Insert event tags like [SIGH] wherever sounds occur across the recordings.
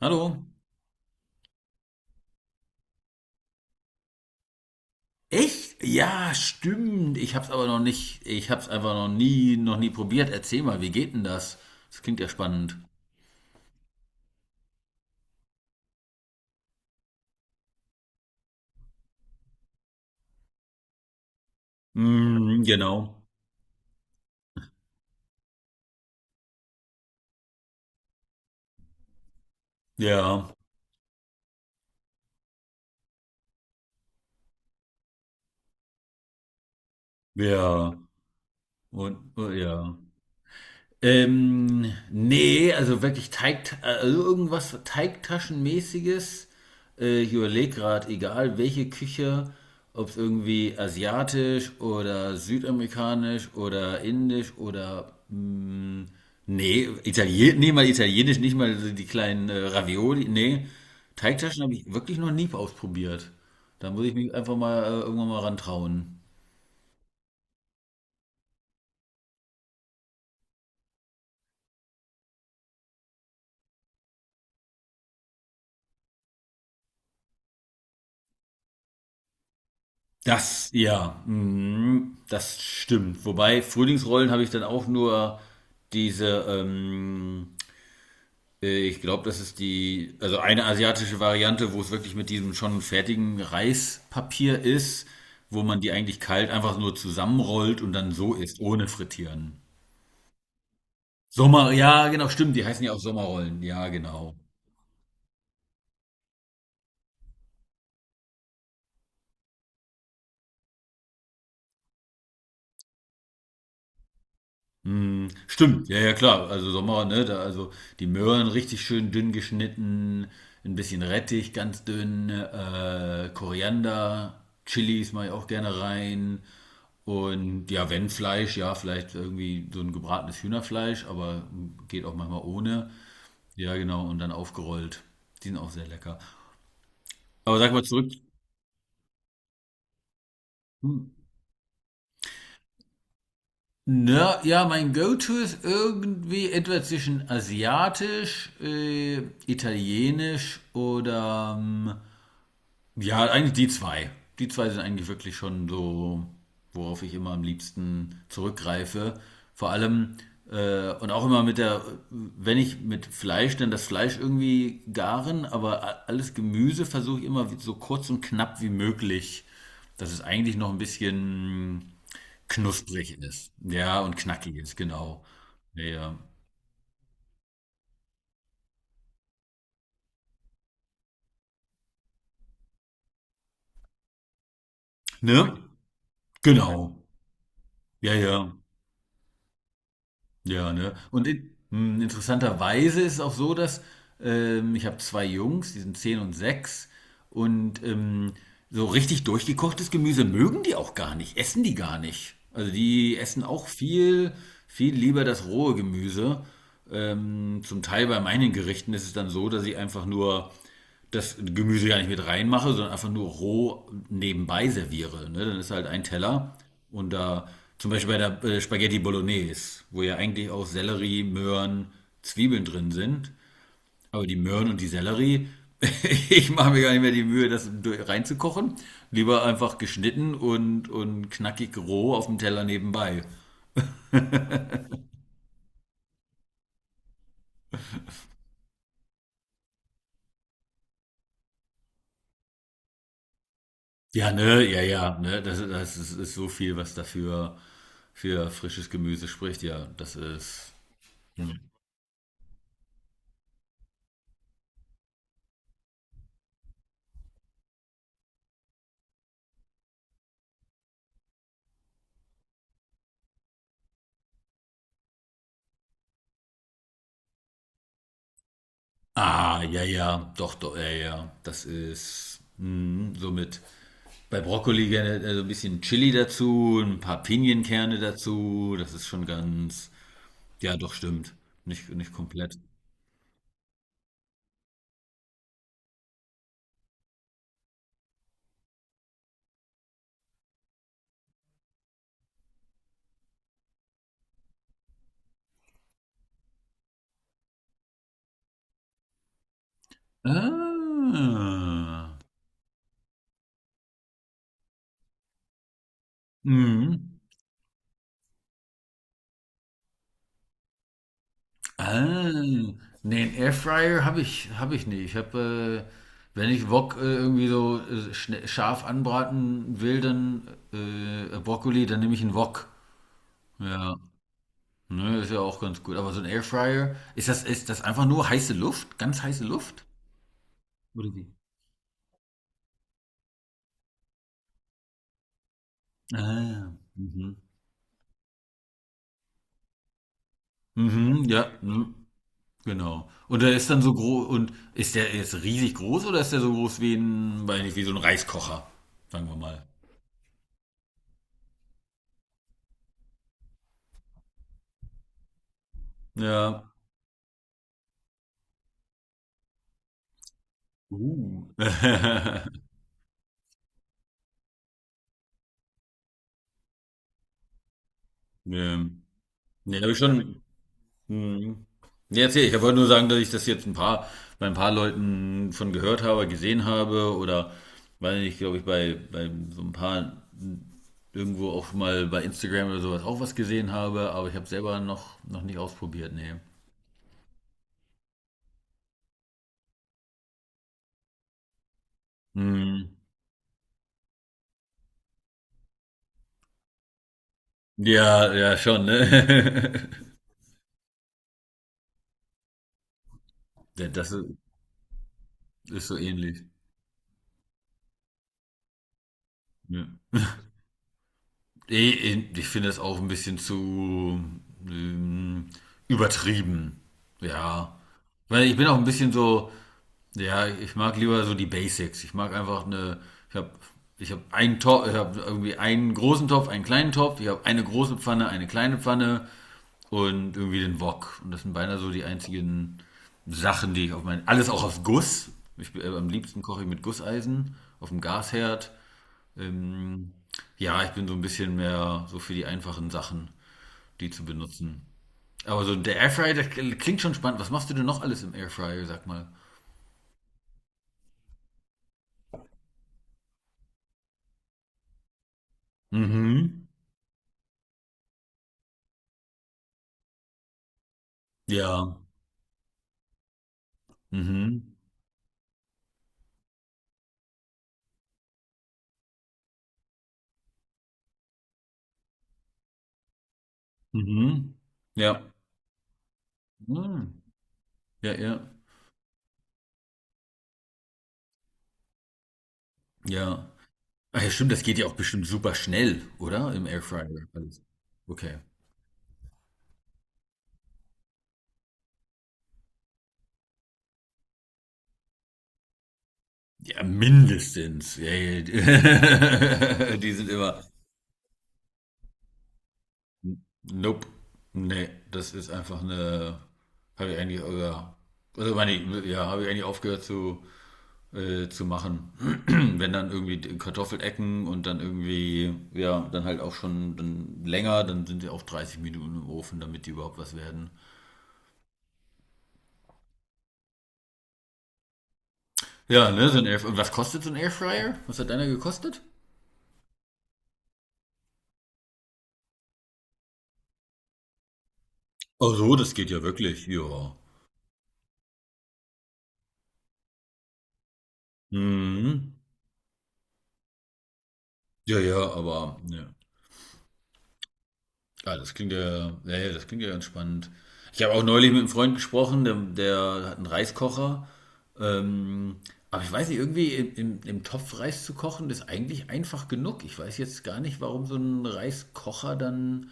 Hallo. Echt? Ja, stimmt. Ich hab's aber noch nicht, ich hab's einfach noch nie probiert. Erzähl mal, wie geht denn das? Das klingt ja spannend. Mm, genau. Ja, ja. Und ja. Nee, also wirklich Teig, also irgendwas Teigtaschenmäßiges. Ich überlege gerade, egal welche Küche, ob es irgendwie asiatisch oder südamerikanisch oder indisch oder nee, Italien, nee, mal italienisch, nicht mal so die kleinen Ravioli, nee. Teigtaschen habe ich wirklich noch nie ausprobiert. Da muss ich mich einfach mal irgendwann mal rantrauen. Ja, mhm, das stimmt. Wobei Frühlingsrollen habe ich dann auch nur diese, ich glaube, das ist die, also eine asiatische Variante, wo es wirklich mit diesem schon fertigen Reispapier ist, wo man die eigentlich kalt einfach nur zusammenrollt und dann so isst, ohne frittieren. Sommer, ja, genau, stimmt, die heißen ja auch Sommerrollen, ja, genau. Mm, stimmt, ja, ja, klar. Also Sommer, ne? Da, also die Möhren richtig schön dünn geschnitten, ein bisschen Rettich ganz dünn, Koriander, Chilis mache ich auch gerne rein. Und ja, wenn Fleisch, ja, vielleicht irgendwie so ein gebratenes Hühnerfleisch, aber geht auch manchmal ohne. Ja, genau, und dann aufgerollt. Die sind auch sehr lecker. Aber sag mal zurück. Hm? Na, ja, mein Go-To ist irgendwie etwa zwischen asiatisch, italienisch oder ja, eigentlich die zwei. Die zwei sind eigentlich wirklich schon so, worauf ich immer am liebsten zurückgreife. Vor allem und auch immer mit der, wenn ich mit Fleisch, dann das Fleisch irgendwie garen, aber alles Gemüse versuche ich immer so kurz und knapp wie möglich, dass es eigentlich noch ein bisschen knusprig ist. Ja, und knackig ist, genau. Ja, ja. Ne? Genau. Ja, ja. Ja, ne? Interessanterweise ist es auch so, dass ich habe zwei Jungs, die sind 10 und 6. Und so richtig durchgekochtes Gemüse mögen die auch gar nicht, essen die gar nicht. Also die essen auch viel, viel lieber das rohe Gemüse. Zum Teil bei meinen Gerichten ist es dann so, dass ich einfach nur das Gemüse gar nicht mit reinmache, sondern einfach nur roh nebenbei serviere. Ne? Dann ist halt ein Teller und da zum Beispiel bei der Spaghetti Bolognese, wo ja eigentlich auch Sellerie, Möhren, Zwiebeln drin sind. Aber die Möhren und die Sellerie, [LAUGHS] ich mache mir gar nicht mehr die Mühe, das reinzukochen. Lieber einfach geschnitten und knackig roh auf dem Teller nebenbei. Ja, ne, ja, ja, ne, das, das ist so viel, was dafür für frisches Gemüse spricht. Ja, das ist. Hm. Ah, ja, ja, doch, doch, ja, ja. Somit bei Brokkoli gerne so ein bisschen Chili dazu, ein paar Pinienkerne dazu. Das ist schon ganz, ja, doch, stimmt. Nicht komplett. Ah, mhm. Ah, nee, einen Airfryer habe ich nicht. Wenn ich Wok irgendwie so scharf anbraten will, dann Brokkoli, dann nehme ich einen Wok. Ja. Ne, ist ja auch ganz gut. Aber so ein Airfryer, ist das einfach nur heiße Luft? Ganz heiße Luft? Oder wie? Ah, ja. Mhm. Mhm, ja, mhm, genau. Und der ist dann so groß, und ist der jetzt riesig groß oder ist der so groß wie ein, weiß nicht, wie so ein Reiskocher? Sagen wir mal. Ja. Uh. [LAUGHS] Ne, ne, habe ich schon. Mhm. Ja, erzähl, ich wollte nur sagen, dass ich das jetzt ein paar, bei ein paar Leuten von gehört habe, gesehen habe oder weil ich glaube ich bei, so ein paar irgendwo auch schon mal bei Instagram oder sowas auch was gesehen habe, aber ich habe selber noch, noch nicht ausprobiert, nee. Mhm. Ja, ja, schon, ne? [LAUGHS] Ja, das ist so ähnlich. Ja. Ich finde es auch ein bisschen zu ähm, übertrieben. Ja. Weil ich bin auch ein bisschen so, ja, ich mag lieber so die Basics. Ich mag einfach eine, ich habe ich hab einen Topf, ich habe irgendwie einen großen Topf, einen kleinen Topf, ich habe eine große Pfanne, eine kleine Pfanne und irgendwie den Wok. Und das sind beinahe so die einzigen Sachen, die ich auf meinen, alles auch auf Guss. Am liebsten koche ich mit Gusseisen, auf dem Gasherd. Ähm, ja, ich bin so ein bisschen mehr so für die einfachen Sachen, die zu benutzen. Aber so der Airfryer, das klingt schon spannend. Was machst du denn noch alles im Airfryer, sag mal? Mhm. Ja. Mhm. Mhm. Ja. Mhm. Ja, ja. Ja. Ach ja, stimmt, das geht ja auch bestimmt super schnell, oder? Im Airfryer alles. Okay. Ja, mindestens. Ja, ja. [LAUGHS] Die sind immer Nope. Nee, das ist einfach eine. Habe ich eigentlich, ja, also meine, ich, ja, habe ich eigentlich aufgehört zu machen. [CLEARS THROAT] Wenn dann irgendwie die Kartoffelecken und dann irgendwie, ja, dann halt auch schon dann länger, dann sind sie auch 30 Minuten im Ofen, damit die überhaupt was werden. Ja, ne, so ein Airfryer. Und was kostet so ein Airfryer? Was hat einer gekostet? Ach so, das geht ja wirklich, ja. Mhm. Ja, ja, aber, ja. Ja, das klingt ja, ja, ja, das klingt ja ganz spannend. Ich habe auch neulich mit einem Freund gesprochen, der hat einen Reiskocher. Ähm, aber ich weiß nicht, irgendwie im Topf Reis zu kochen, ist eigentlich einfach genug. Ich weiß jetzt gar nicht, warum so ein Reiskocher dann,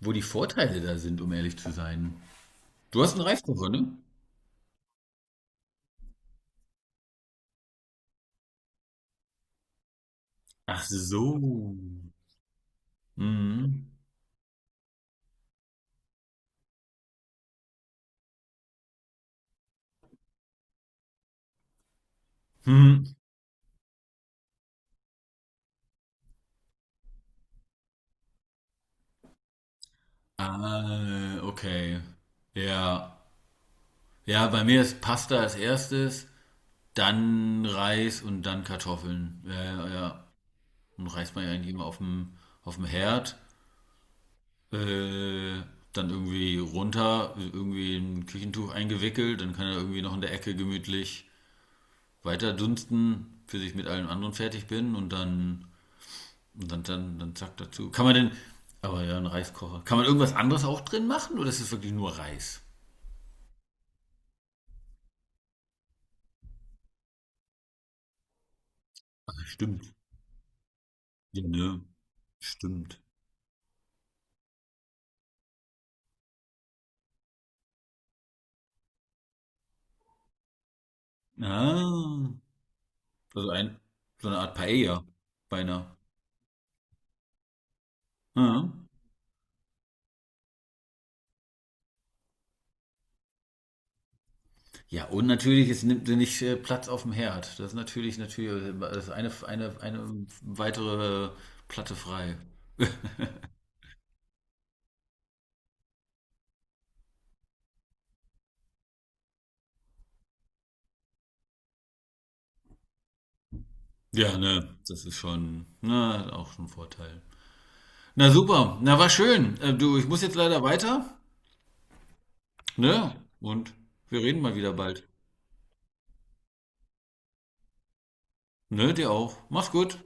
wo die Vorteile da sind, um ehrlich zu sein. Du hast einen Reiskocher, ne? Ach so. Mhm. Hm. Ah, okay. Ja. Ja, bei mir ist Pasta als erstes, dann Reis und dann Kartoffeln. Ja, ja, ja. Und Reis man ja eigentlich immer auf dem, Herd. Äh, dann irgendwie runter, irgendwie in ein Küchentuch eingewickelt. Dann kann er irgendwie noch in der Ecke gemütlich weiter dunsten, bis ich mit allem anderen fertig bin. Und dann zack dazu. Kann man denn, aber ja, ein Reiskocher. Kann man irgendwas anderes auch drin machen oder ist es wirklich nur Reis? Ah, stimmt. Ja, ne? Stimmt. Ah, also ein, so eine Art Paella, beinahe. Ja. Ja, und natürlich, es nimmt dir nicht Platz auf dem Herd. Das ist natürlich, das ist eine weitere Platte frei. [LAUGHS] Ja, ne, das ist schon, na, auch schon ein Vorteil. Na super, na war schön. Du, ich muss jetzt leider weiter, ne? Und wir reden mal wieder bald. Ne, dir auch. Mach's gut.